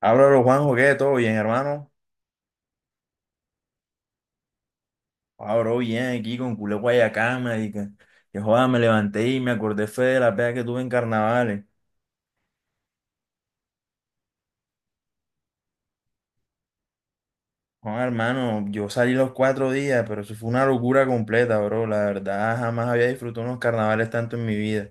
Háblalo, Juanjo, ¿qué? ¿Todo bien, hermano? Abro bien aquí con culé Guayacán, marica. Que joda, me levanté y me acordé fue de la pega que tuve en carnavales. Joda, hermano, yo salí los cuatro días, pero eso fue una locura completa, bro. La verdad, jamás había disfrutado unos carnavales tanto en mi vida.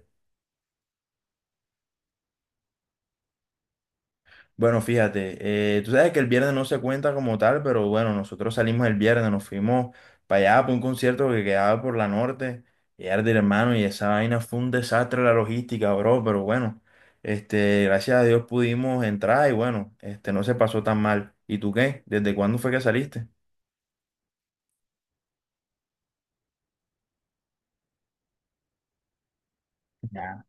Bueno, fíjate, tú sabes que el viernes no se cuenta como tal, pero bueno, nosotros salimos el viernes, nos fuimos para allá, para un concierto que quedaba por la norte, y era de hermano, y esa vaina fue un desastre la logística, bro, pero bueno, gracias a Dios pudimos entrar y bueno, no se pasó tan mal. ¿Y tú qué? ¿Desde cuándo fue que saliste? Ya.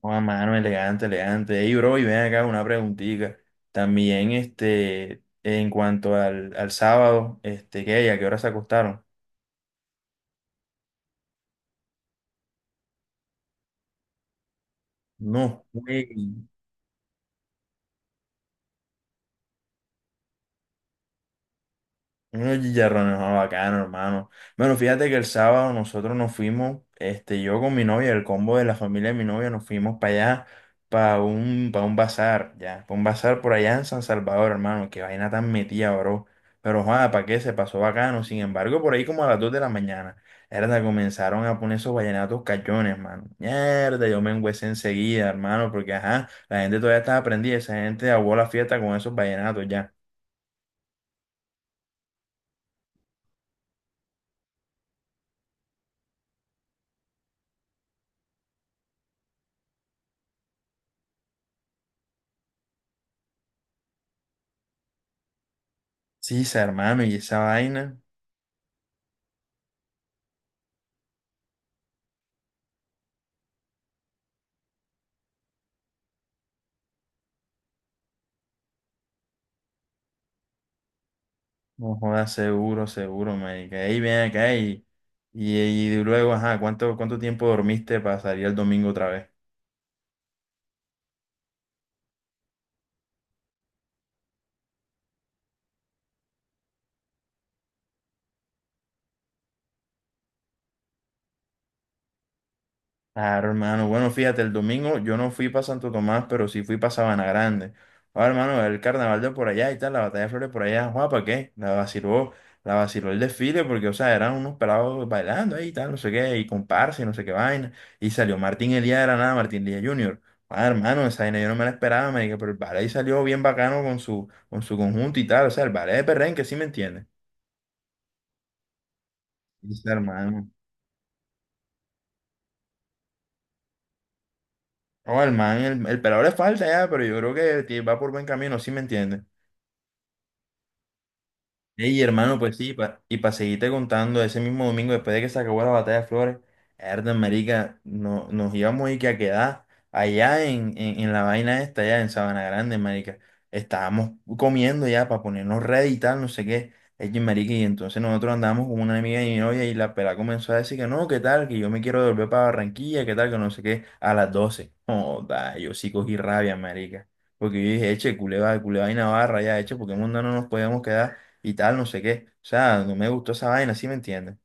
Oh, mano, elegante, elegante. Ey, bro, y ven acá una preguntita. También, en cuanto al sábado, ¿qué? ¿A qué hora se acostaron? No, güey. Unos chicharrones, no, bacano, hermano. Bueno, fíjate que el sábado nosotros nos fuimos, yo con mi novia, el combo de la familia de mi novia, nos fuimos para allá, para un bazar, ya, para un bazar por allá en San Salvador, hermano. Qué vaina tan metida, bro. Pero, joder, ¿para qué? Se pasó bacano. Sin embargo, por ahí como a las 2 de la mañana, verdad, comenzaron a poner esos vallenatos cachones, hermano. Mierda, yo me engüesé enseguida, hermano, porque, ajá, la gente todavía estaba aprendida, esa gente aguó la fiesta con esos vallenatos, ya. Sí, esa hermano, y esa vaina, no joda, seguro, seguro, marica. Ey, ven acá y, y luego, ajá, ¿cuánto tiempo dormiste para salir el domingo otra vez? Claro, hermano. Bueno, fíjate, el domingo yo no fui para Santo Tomás, pero sí fui para Sabana Grande. Ahora, hermano, el carnaval de por allá y tal, la batalla de flores por allá, guapa, ¿qué? La vaciló el desfile, porque, o sea, eran unos pelados bailando ahí y tal, no sé qué, y comparsa y no sé qué vaina. Y salió Martín Elías de la nada, Martín Elías Junior. Ah, hermano, esa vaina yo no me la esperaba, me dije, pero el ballet salió bien bacano con su conjunto y tal, o sea, el ballet de perrenque, ¿sí me entiendes? Dice, hermano. Oh, el man, el pelado le falta ya, pero yo creo que tie- va por buen camino, ¿sí me entiende? Ey, hermano, pues sí, pa- y para seguirte contando, ese mismo domingo, después de que se acabó la batalla de Flores, herda, marica, no, nos íbamos y que a quedar allá en la vaina esta, allá en Sabana Grande, marica. Estábamos comiendo ya para ponernos ready y tal, no sé qué. Ey, marica, y entonces nosotros andábamos con una amiga de mi novia y la pela comenzó a decir que no, qué tal, que yo me quiero volver para Barranquilla, qué tal, que no sé qué, a las 12. Joda, yo sí cogí rabia, marica. Porque yo dije, eche, culé, va- culé vaina barra, ya, eche, porque en mundo no nos podíamos quedar y tal, no sé qué. O sea, no me gustó esa vaina, ¿sí me entiendes?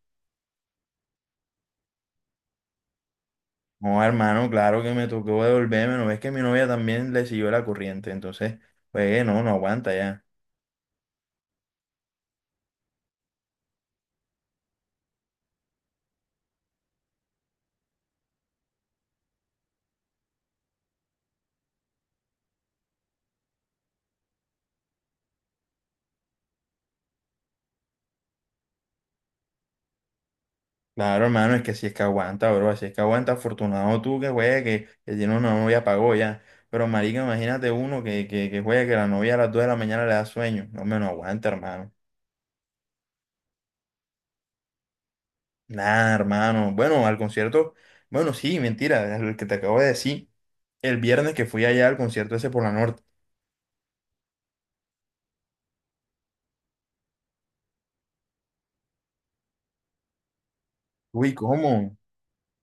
No, hermano, claro que me tocó devolverme, no es que mi novia también le siguió la corriente, entonces, pues no, no aguanta ya. Claro, hermano, es que si es que aguanta, bro, si es que aguanta, afortunado tú que juegue, que tiene una novia pagó ya. Pero marica, imagínate uno que juegue, que la novia a las 2 de la mañana le da sueño. No, me no aguanta, hermano. Nada, hermano. Bueno, al concierto, bueno, sí, mentira, el que te acabo de decir, el viernes que fui allá al concierto ese por la norte. Uy, ¿cómo?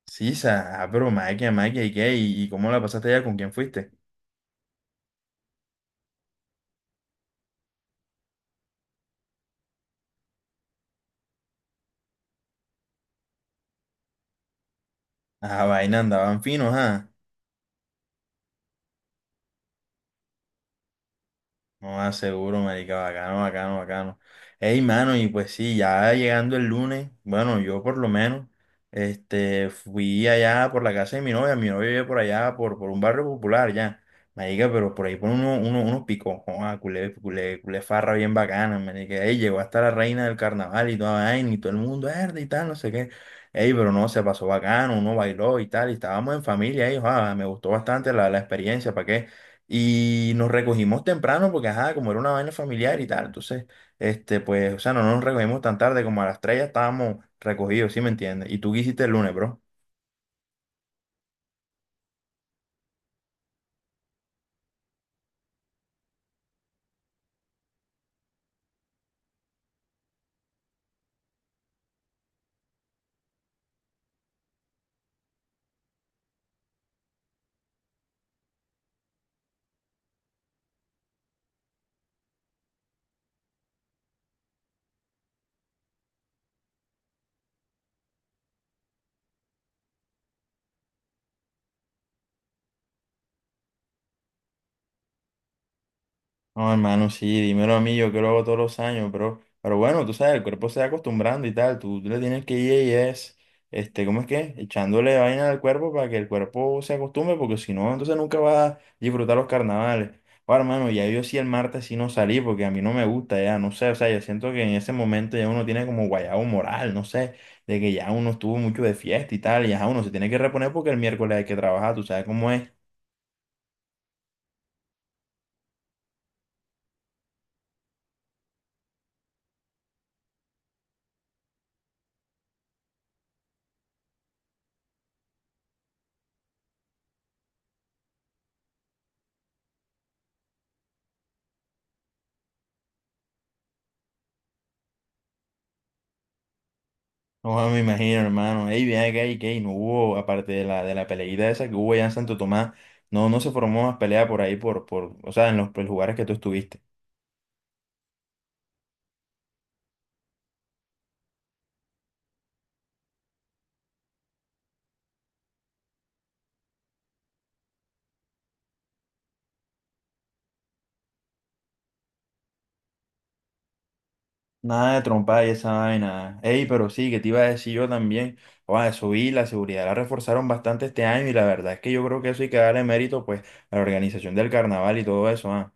Sí, sa, ah, pero maquia, maquia, ¿y qué? ¿Y cómo la pasaste allá? ¿Con quién fuiste? Ah, vaina, andaban finos, ah. No, ah, seguro, marica, bacano, bacano, bacano. Ey, mano, y pues sí, ya llegando el lunes, bueno, yo por lo menos, fui allá por la casa de mi novia vive por allá, por un barrio popular, ya. Marica, pero por ahí por unos picos, ah, culé, culé, culé farra bien bacana, marica. Ey, llegó hasta la reina del carnaval y toda vaina, y todo el mundo, verde y tal, no sé qué. Ey, pero no, se pasó bacano, uno bailó y tal, y estábamos en familia, ey, ah, me gustó bastante la experiencia, ¿para qué? Y nos recogimos temprano porque, ajá, como era una vaina familiar y tal, entonces, pues, o sea, no nos recogimos tan tarde como a las 3 ya estábamos recogidos, ¿sí me entiendes? ¿Y tú qué hiciste el lunes, bro? No, hermano, sí, dímelo a mí, yo que lo hago todos los años, pero bueno, tú sabes, el cuerpo se va acostumbrando y tal, tú le tienes que ir y es, ¿cómo es que? Echándole vaina al cuerpo para que el cuerpo se acostumbre, porque si no, entonces nunca va a disfrutar los carnavales. Ahora, hermano, ya yo sí el martes sí no salí, porque a mí no me gusta, ya, no sé, o sea, yo siento que en ese momento ya uno tiene como guayabo moral, no sé, de que ya uno estuvo mucho de fiesta y tal, y ya uno se tiene que reponer porque el miércoles hay que trabajar, tú sabes cómo es. No, me imagino, hermano. Ey, bien acá y que no hubo, aparte de de la peleita esa que hubo allá en Santo Tomás, no, no se formó más pelea por ahí, o sea, en los, pues, lugares que tú estuviste. Nada de trompa y esa vaina. Ey, pero sí, que te iba a decir yo también. Oa, eso vi, la seguridad la reforzaron bastante este año y la verdad es que yo creo que eso hay que darle mérito, pues, a la organización del carnaval y todo eso, ah.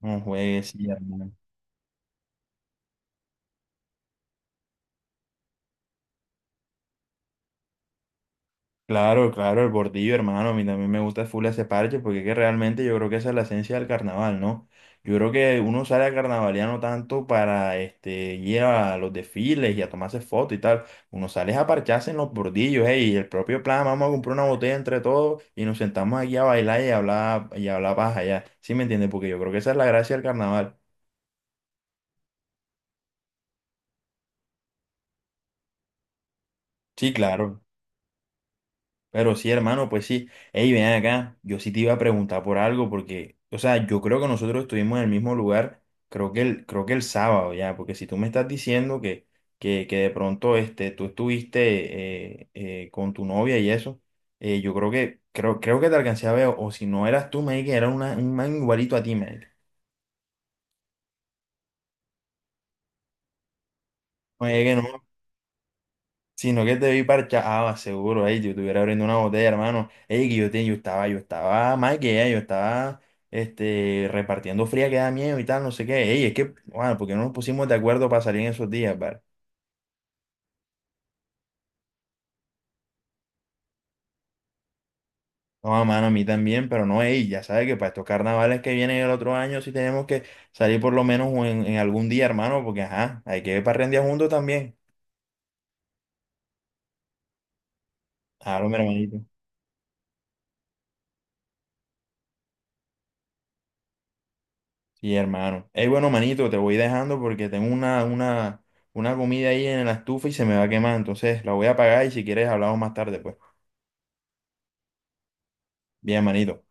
No juegues, sí, hermano. Claro, claro, el bordillo, hermano, a mí también me gusta full ese parche porque es que realmente yo creo que esa es la esencia del carnaval, ¿no? Yo creo que uno sale a carnavalear no tanto para este, ir a los desfiles y a tomarse fotos y tal, uno sale a parcharse en los bordillos, ey, y el propio plan, vamos a comprar una botella entre todos y nos sentamos aquí a bailar y a hablar paja ya, ¿sí me entiendes? Porque yo creo que esa es la gracia del carnaval. Sí, claro. Pero sí, hermano, pues sí. Ey, ven acá. Yo sí te iba a preguntar por algo porque, o sea, yo creo que nosotros estuvimos en el mismo lugar, creo que el sábado ya, porque si tú me estás diciendo que de pronto tú estuviste con tu novia y eso, yo creo creo que te alcancé a ver, o si no eras tú, me dije que era un man igualito a ti, me dije. Sino que te vi parchado, ah, seguro, ey, yo estuviera abriendo una botella, hermano. Ey, que yo, te, yo estaba más que ella, yo estaba repartiendo fría que da miedo y tal, no sé qué. Ey, es que, bueno, porque no nos pusimos de acuerdo para salir en esos días, par? No, mano, a mí también, pero no, ey, ya sabes que para estos carnavales que vienen el otro año sí tenemos que salir por lo menos en algún día, hermano, porque ajá, hay que parrandear juntos también. Claro, mi hermanito. Sí, hermano. Ey, bueno, manito, te voy dejando porque tengo una comida ahí en la estufa y se me va a quemar. Entonces la voy a apagar y si quieres hablamos más tarde, pues. Bien, manito.